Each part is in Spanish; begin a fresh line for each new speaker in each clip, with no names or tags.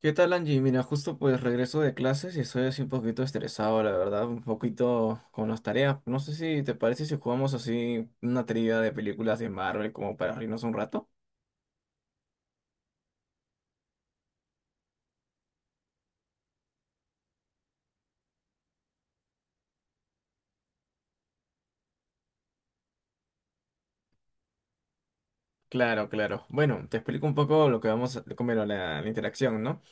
¿Qué tal, Angie? Mira, justo pues regreso de clases y estoy así un poquito estresado, la verdad, un poquito con las tareas. No sé si te parece si jugamos así una trivia de películas de Marvel como para reírnos un rato. Claro, claro. Bueno, te explico un poco lo que vamos a comer a la interacción, ¿no?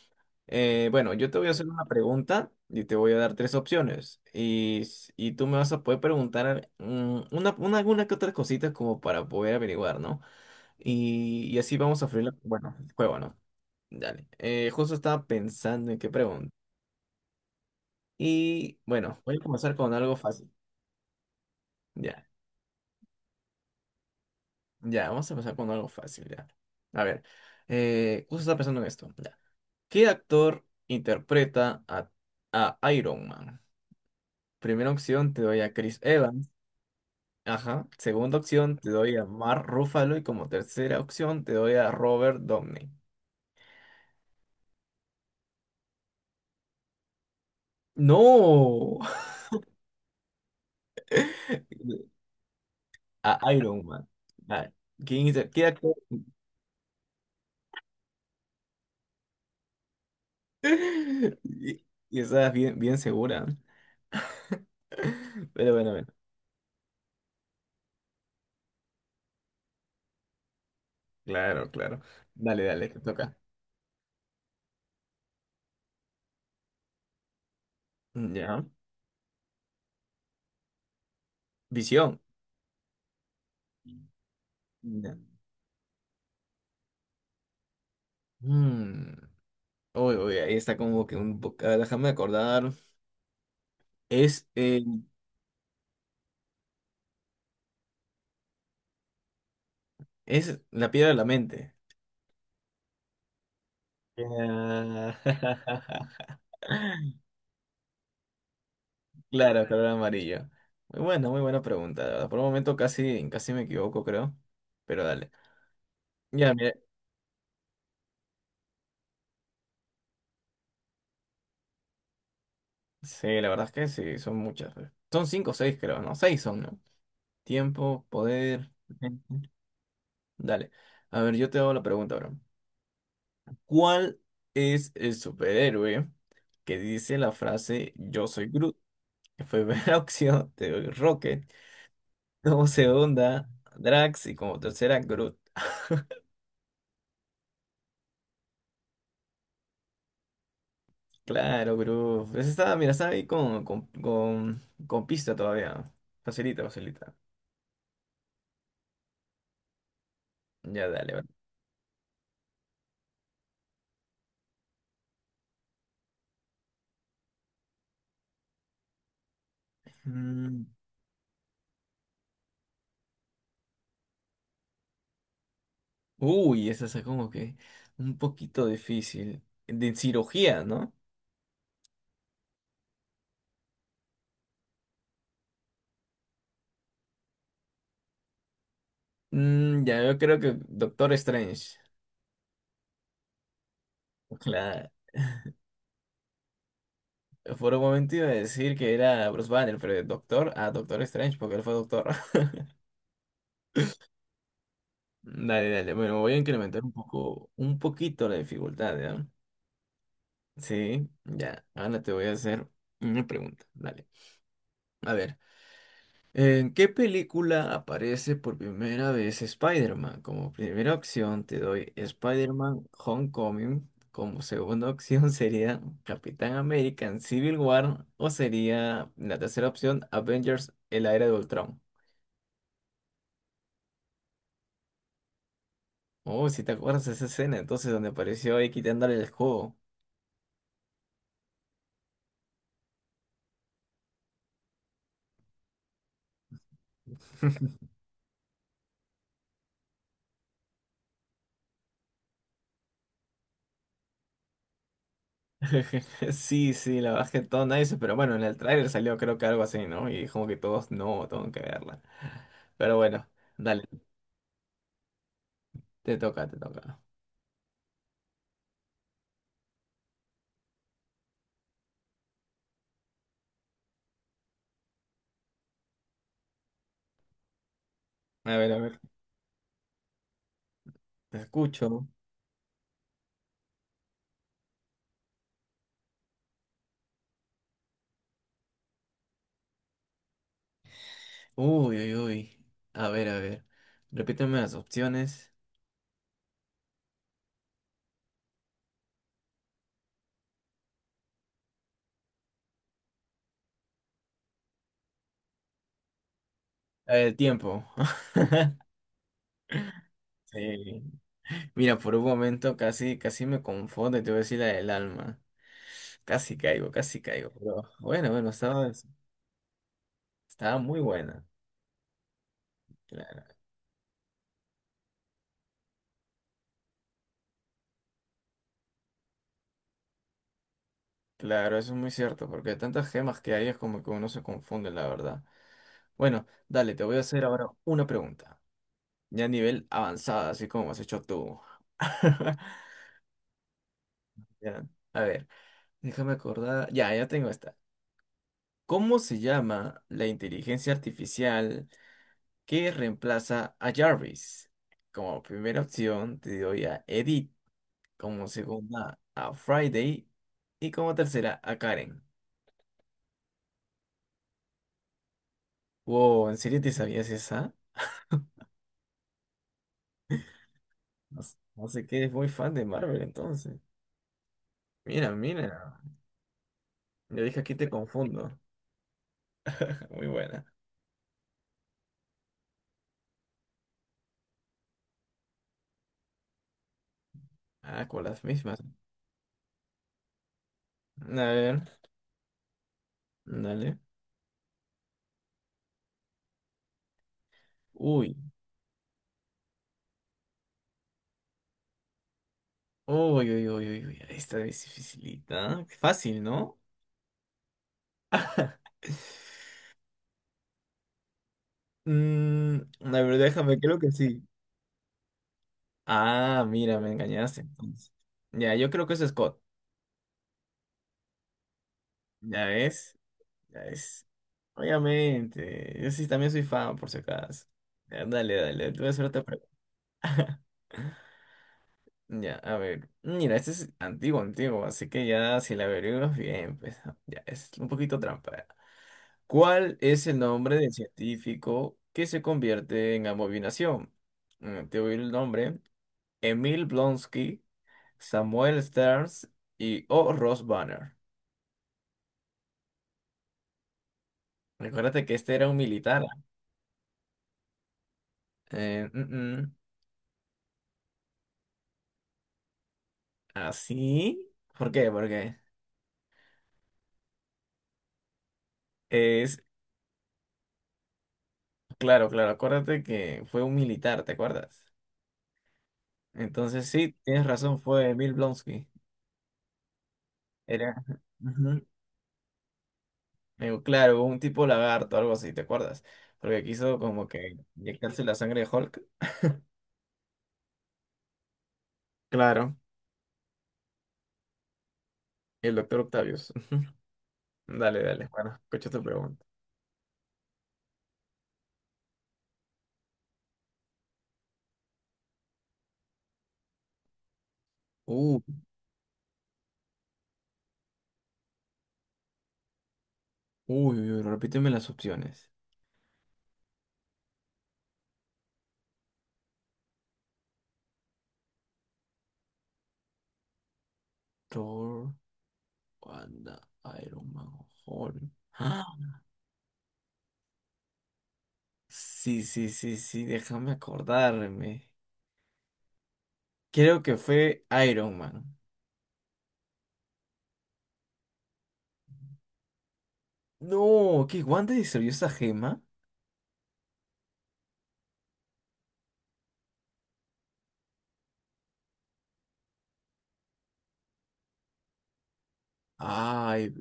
Bueno, yo te voy a hacer una pregunta y te voy a dar tres opciones. Y tú me vas a poder preguntar una, alguna que otras cositas como para poder averiguar, ¿no? Y así vamos a freír, bueno, el juego, ¿no? Dale. Justo estaba pensando en qué pregunta. Y bueno, voy a comenzar con algo fácil. Ya, ya, vamos a empezar con algo fácil, ya. A ver, justo estaba pensando en esto. Ya. ¿Qué actor interpreta a Iron Man? Primera opción te doy a Chris Evans. Ajá. Segunda opción te doy a Mark Ruffalo. Y como tercera opción te doy a Robert Downey. ¡No! A Iron Man. A ¿Qué actor Y, y estás bien, bien segura. Pero bueno, bueno. Claro, claro. Dale, dale, te toca. Ya. Visión. Ya. Mm. Uy, uy, ahí está como que un poco. Déjame acordar. Es es la piedra de la mente. Ah, Claro, color amarillo. Muy buena pregunta, la verdad. Por un momento casi, casi me equivoco, creo. Pero dale. Ya, mira. Sí, la verdad es que sí, son muchas, pues. Son cinco o seis, creo, ¿no? Seis son, ¿no? Tiempo, poder. Ujú. Dale. A ver, yo te hago la pregunta ahora. ¿Cuál es el superhéroe que dice la frase "Yo soy Groot"? En primera opción te doy Rocket, como segunda Drax y como tercera Groot. Ah, claro, Groot. Esa está, mira, está ahí con pista todavía. Facilita, facilita. Ya, dale, vale. Mm. Uy, esa es como que un poquito difícil. De cirugía, ¿no? Ya, yo creo que Doctor Strange. Claro. Por un momento iba a decir que era Bruce Banner, pero de Doctor a Doctor Strange, porque él fue Doctor. Dale, dale. Bueno, voy a incrementar un poco, un poquito la dificultad, ¿ya? Sí, ya. Ahora te voy a hacer una pregunta. Dale. A ver. ¿En qué película aparece por primera vez Spider-Man? Como primera opción te doy Spider-Man Homecoming. Como segunda opción sería Capitán América en Civil War. O sería la tercera opción Avengers, el era de Ultron. Oh, si te acuerdas de esa escena, entonces donde apareció ahí quitándole el juego. Sí, sí, la bajé todo nice, pero bueno, en el tráiler salió creo que algo así, ¿no? Y como que todos, no, tengo que verla. Pero bueno, dale, te toca. A ver, te escucho. Uy, uy, uy. A ver, a ver. Repíteme las opciones. El tiempo. Sí. Mira, por un momento casi, casi me confundo y te voy a decir la del alma. Casi caigo, casi caigo. Pero bueno, estaba muy buena. Claro, claro, eso es muy cierto, porque de tantas gemas que hay es como que uno se confunde, la verdad. Bueno, dale, te voy a hacer ahora una pregunta. Ya a nivel avanzada, así como has hecho tú. Ya, a ver. Déjame acordar. Ya, ya tengo esta. ¿Cómo se llama la inteligencia artificial que reemplaza a Jarvis? Como primera opción te doy a Edith, como segunda a Friday y como tercera a Karen. Wow, ¿en serio te sabías esa? No sé qué, eres muy fan de Marvel entonces. Mira, mira. Yo dije aquí te confundo. Muy buena. Ah, con las mismas. A ver, dale. Uy. Uy, uy, uy, uy, uy, esta es dificilita. Fácil, ¿no? A ver, déjame, creo que sí. Ah, mira, me engañaste entonces. Ya, yo creo que eso es Scott. ¿Ya ves? Ya ves. Obviamente. Yo sí también soy fan, por si acaso. Ya, dale, dale, te voy a hacer otra pregunta. Ya, a ver. Mira, este es antiguo, antiguo, así que ya si la averiguas bien, pues ya, es un poquito trampa. ¿Cuál es el nombre del científico que se convierte en abominación? Te voy a ir el nombre. Emil Blonsky, Samuel Stearns y O. Ross Banner. Recuérdate que este era un militar. Eh, mm, mm. ¿Así? ¿Por qué? Porque es... Claro, claro, acuérdate que fue un militar, ¿te acuerdas? Entonces sí, tienes razón, fue Emil Blonsky. Era... Me digo, claro, un tipo lagarto, algo así, ¿te acuerdas? Porque quiso como que inyectarse la sangre de Hulk. Claro, el doctor Octavius. Ujú. Dale, dale, bueno, escucha tu pregunta. Uh, uy, uy, uy, repíteme las opciones. Thor, Wanda, Iron Man, Hulk. ¡Ah! Sí, sí, sí, sí, déjame acordarme. Creo que fue Iron Man. No, ¿qué? ¿Wanda destruyó esa gema? Ay,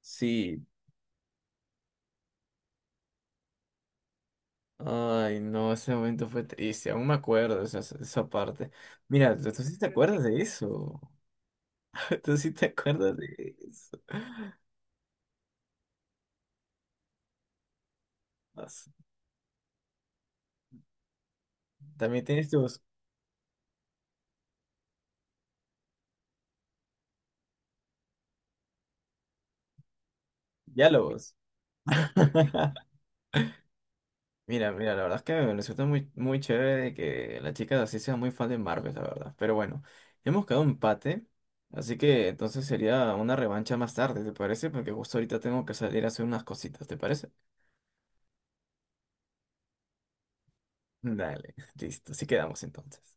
sí. Ay, no, ese momento fue triste, aún me acuerdo esa, esa parte. Mira, tú sí te acuerdas de eso. Tú sí te acuerdas de eso. As- También tienes tus diálogos. Mira, mira, la verdad es que me resulta muy, muy chévere que la chica así sea muy fan de Marvel, la verdad. Pero bueno, hemos quedado empate, así que entonces sería una revancha más tarde, ¿te parece? Porque justo ahorita tengo que salir a hacer unas cositas, ¿te parece? Dale, listo, así quedamos entonces.